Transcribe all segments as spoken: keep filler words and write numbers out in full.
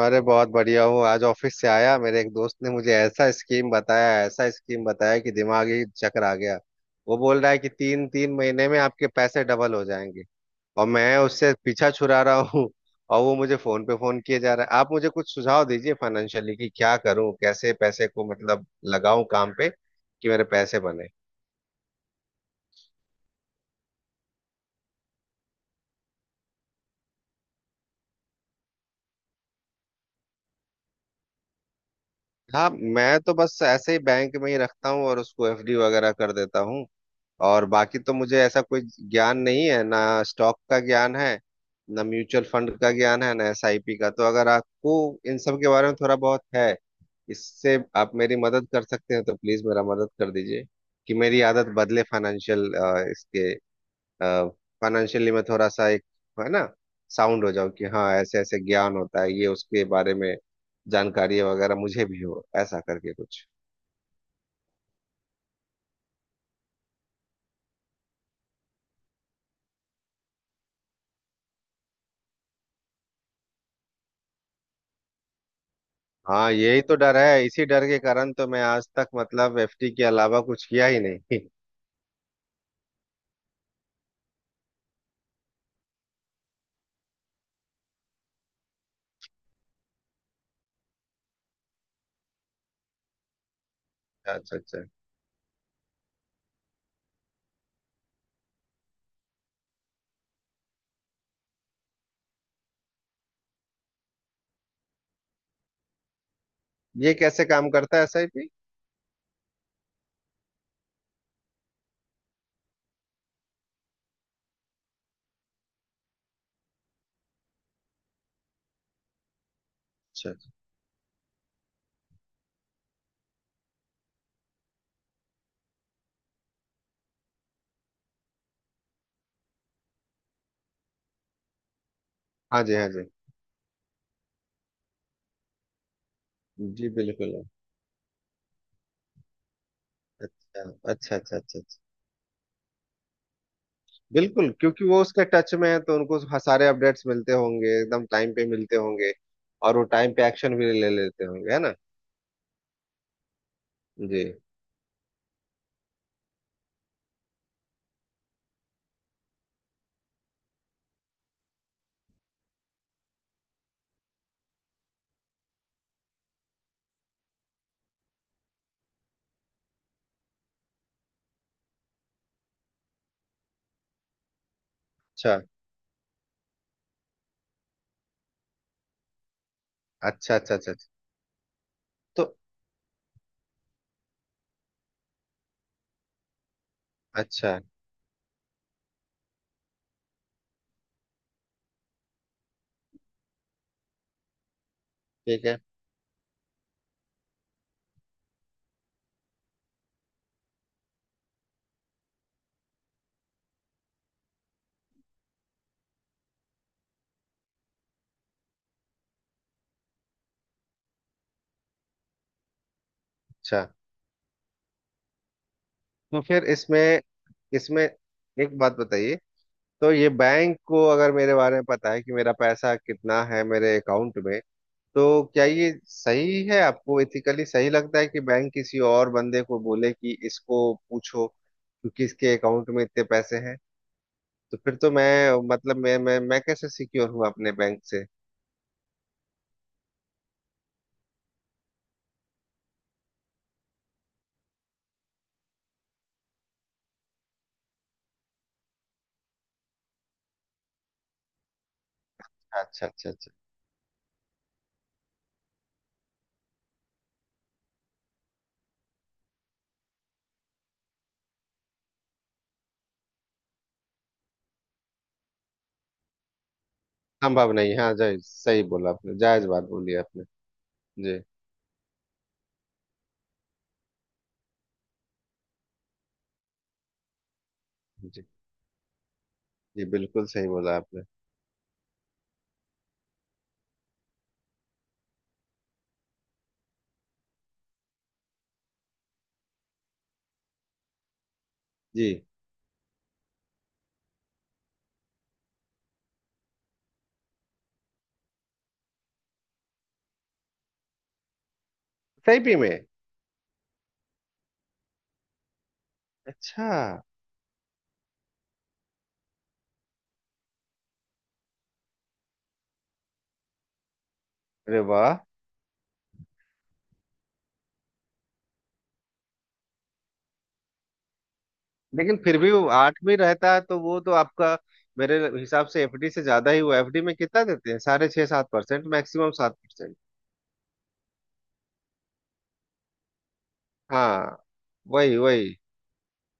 अरे बहुत बढ़िया हूँ। आज ऑफिस से आया। मेरे एक दोस्त ने मुझे ऐसा स्कीम बताया, ऐसा स्कीम बताया कि दिमाग ही चकर आ गया। वो बोल रहा है कि तीन तीन महीने में आपके पैसे डबल हो जाएंगे। और मैं उससे पीछा छुड़ा रहा हूँ। और वो मुझे फोन पे फोन किए जा रहा है। आप मुझे कुछ सुझाव दीजिए फाइनेंशियली कि क्या करूँ, कैसे पैसे को मतलब लगाऊं काम पे कि मेरे पैसे बने। हाँ, मैं तो बस ऐसे ही बैंक में ही रखता हूँ और उसको एफ डी वगैरह कर देता हूँ। और बाकी तो मुझे ऐसा कोई ज्ञान नहीं है ना, स्टॉक का ज्ञान है ना म्यूचुअल फंड का ज्ञान है ना एस आई पी का। तो अगर आपको इन सब के बारे में थोड़ा बहुत है, इससे आप मेरी मदद कर सकते हैं तो प्लीज मेरा मदद कर दीजिए कि मेरी आदत बदले फाइनेंशियल, इसके, फाइनेंशियली मैं थोड़ा सा एक, है ना, साउंड हो जाऊं कि हाँ ऐसे ऐसे ज्ञान होता है ये, उसके बारे में जानकारी वगैरह मुझे भी हो ऐसा करके कुछ। हाँ, यही तो डर है। इसी डर के कारण तो मैं आज तक मतलब एफ डी के अलावा कुछ किया ही नहीं। अच्छा अच्छा। ये कैसे काम करता है एस आई पी? अच्छा अच्छा। हाँ जी, हाँ जी। जी बिल्कुल। अच्छा अच्छा अच्छा अच्छा अच्छा। बिल्कुल, क्योंकि वो उसके टच में है तो उनको ह- सारे अपडेट्स मिलते होंगे, एकदम टाइम पे मिलते होंगे। और वो टाइम पे एक्शन भी ले लेते होंगे, है ना? जी। अच्छा अच्छा अच्छा अच्छा अच्छा। तो अच्छा। ठीक है। अच्छा, तो फिर इसमें, इसमें एक बात बताइए। तो ये बैंक को अगर मेरे बारे में पता है कि मेरा पैसा कितना है मेरे अकाउंट में, तो क्या ये सही है? आपको एथिकली सही लगता है कि बैंक किसी और बंदे को बोले कि इसको पूछो क्योंकि इसके अकाउंट में इतने पैसे हैं? तो फिर तो मैं, मतलब मैं मैं मैं कैसे सिक्योर हूँ अपने बैंक से? अच्छा अच्छा अच्छा। संभव नहीं। हाँ, जायज, सही बोला आपने, जायज बात बोली आपने। जी जी जी। बिल्कुल सही बोला आपने। जी। एसआईपी में? अच्छा। अरे वाह! लेकिन फिर भी वो आठ में रहता है तो वो तो आपका, मेरे हिसाब से एफ डी से ज्यादा ही हुआ। एफ डी में कितना देते हैं, साढ़े छह सात परसेंट? मैक्सिमम सात परसेंट। हाँ। वही वही।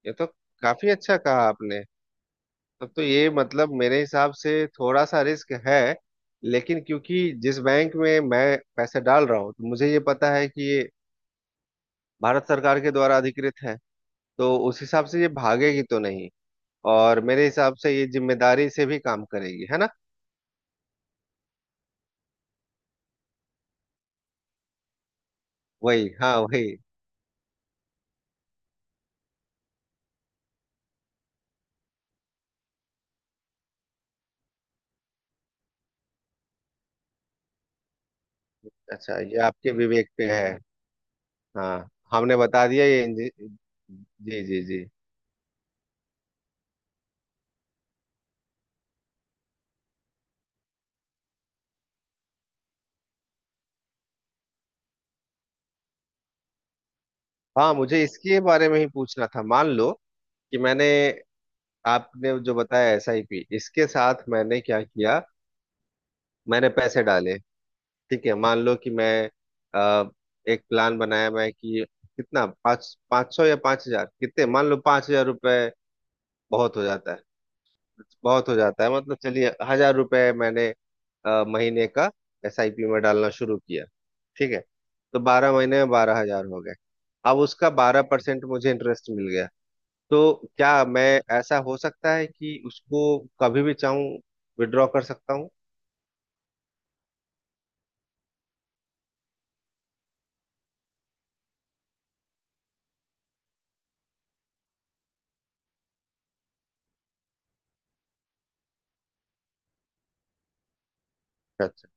ये तो काफी अच्छा कहा आपने। तब तो ये मतलब मेरे हिसाब से थोड़ा सा रिस्क है, लेकिन क्योंकि जिस बैंक में मैं पैसे डाल रहा हूँ तो मुझे ये पता है कि ये भारत सरकार के द्वारा अधिकृत है। तो उस हिसाब से ये भागेगी तो नहीं। और मेरे हिसाब से ये जिम्मेदारी से भी काम करेगी, है ना? वही, हाँ, वही। अच्छा, ये आपके विवेक पे है। हाँ, हमने बता दिया ये इंजि- जी जी जी। हाँ, मुझे इसके बारे में ही पूछना था। मान लो कि मैंने, आपने जो बताया एस आई पी, इसके साथ मैंने क्या किया, मैंने पैसे डाले। ठीक है, मान लो कि मैं, अ, एक प्लान बनाया मैं कि कितना, पाँच पाँच सौ या पाँच हजार, कितने, मान लो पाँच हजार रुपये बहुत हो जाता है। बहुत हो जाता है, मतलब चलिए हजार रुपए मैंने अ, महीने का एस आई पी में डालना शुरू किया। ठीक है, तो बारह महीने में बारह हजार हो गए। अब उसका बारह परसेंट मुझे इंटरेस्ट मिल गया, तो क्या मैं, ऐसा हो सकता है कि उसको कभी भी चाहूं विड्रॉ कर सकता हूँ? अच्छा।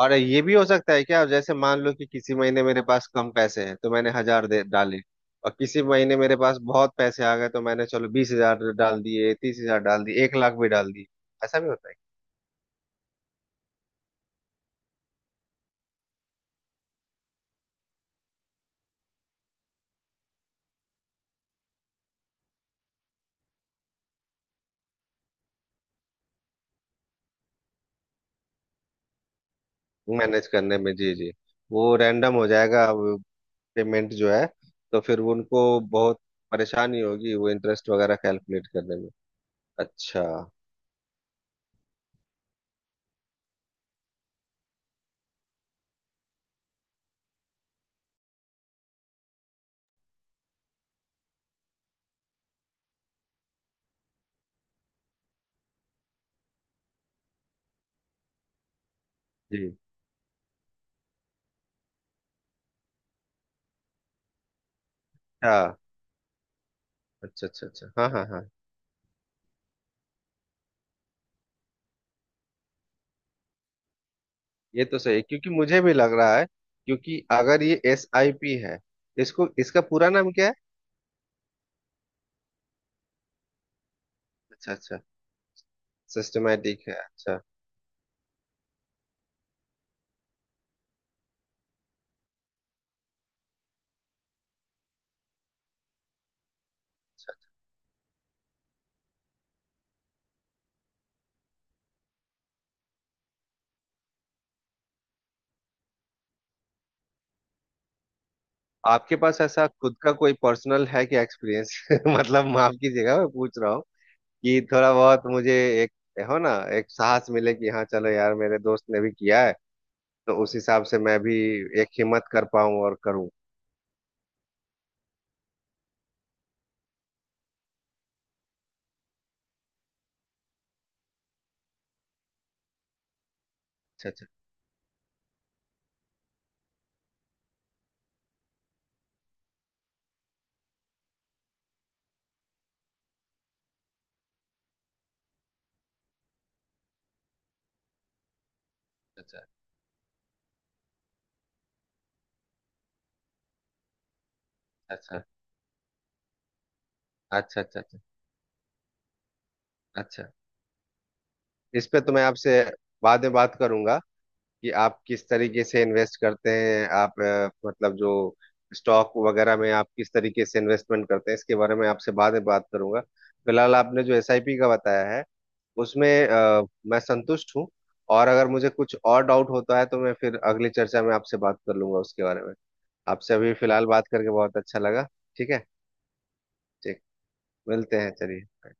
और ये भी हो सकता है क्या, जैसे मान लो कि किसी महीने मेरे पास कम पैसे हैं तो मैंने हजार दे डाले, और किसी महीने मेरे पास बहुत पैसे आ गए तो मैंने चलो बीस हजार डाल दिए, तीस हजार डाल दिए, एक लाख भी डाल दिए, ऐसा भी होता है? मैनेज करने में, जी जी। वो रैंडम हो जाएगा पेमेंट जो है। तो फिर वो उनको बहुत परेशानी होगी, वो इंटरेस्ट वगैरह कैलकुलेट करने में। अच्छा। जी। हाँ। अच्छा अच्छा अच्छा। हाँ हाँ हाँ। ये तो सही है, क्योंकि मुझे भी लग रहा है, क्योंकि अगर ये एस आई पी है, इसको, इसका पूरा नाम क्या है? अच्छा अच्छा। सिस्टमेटिक है? अच्छा। आपके पास ऐसा खुद का कोई पर्सनल है क्या, एक्सपीरियंस? मतलब माफ कीजिएगा मैं पूछ रहा, कि थोड़ा बहुत मुझे एक, हो ना, एक साहस मिले कि हाँ चलो यार मेरे दोस्त ने भी किया है तो उस हिसाब से मैं भी एक हिम्मत कर पाऊं और करूं। अच्छा अच्छा अच्छा अच्छा अच्छा अच्छा अच्छा अच्छा। अच्छा। इस पे तो मैं आपसे बाद में बात करूंगा कि आप किस तरीके से इन्वेस्ट करते हैं, आप, अ, मतलब जो स्टॉक वगैरह में आप किस तरीके से इन्वेस्टमेंट करते हैं, इसके बारे में आपसे बाद में बात करूंगा। फिलहाल आपने जो एस आई पी का बताया है उसमें, अ, मैं संतुष्ट हूँ। और अगर मुझे कुछ और डाउट होता है तो मैं फिर अगली चर्चा में आपसे बात कर लूंगा उसके बारे में। आपसे अभी फिलहाल बात करके बहुत अच्छा लगा। ठीक है। ठीक। मिलते हैं, चलिए।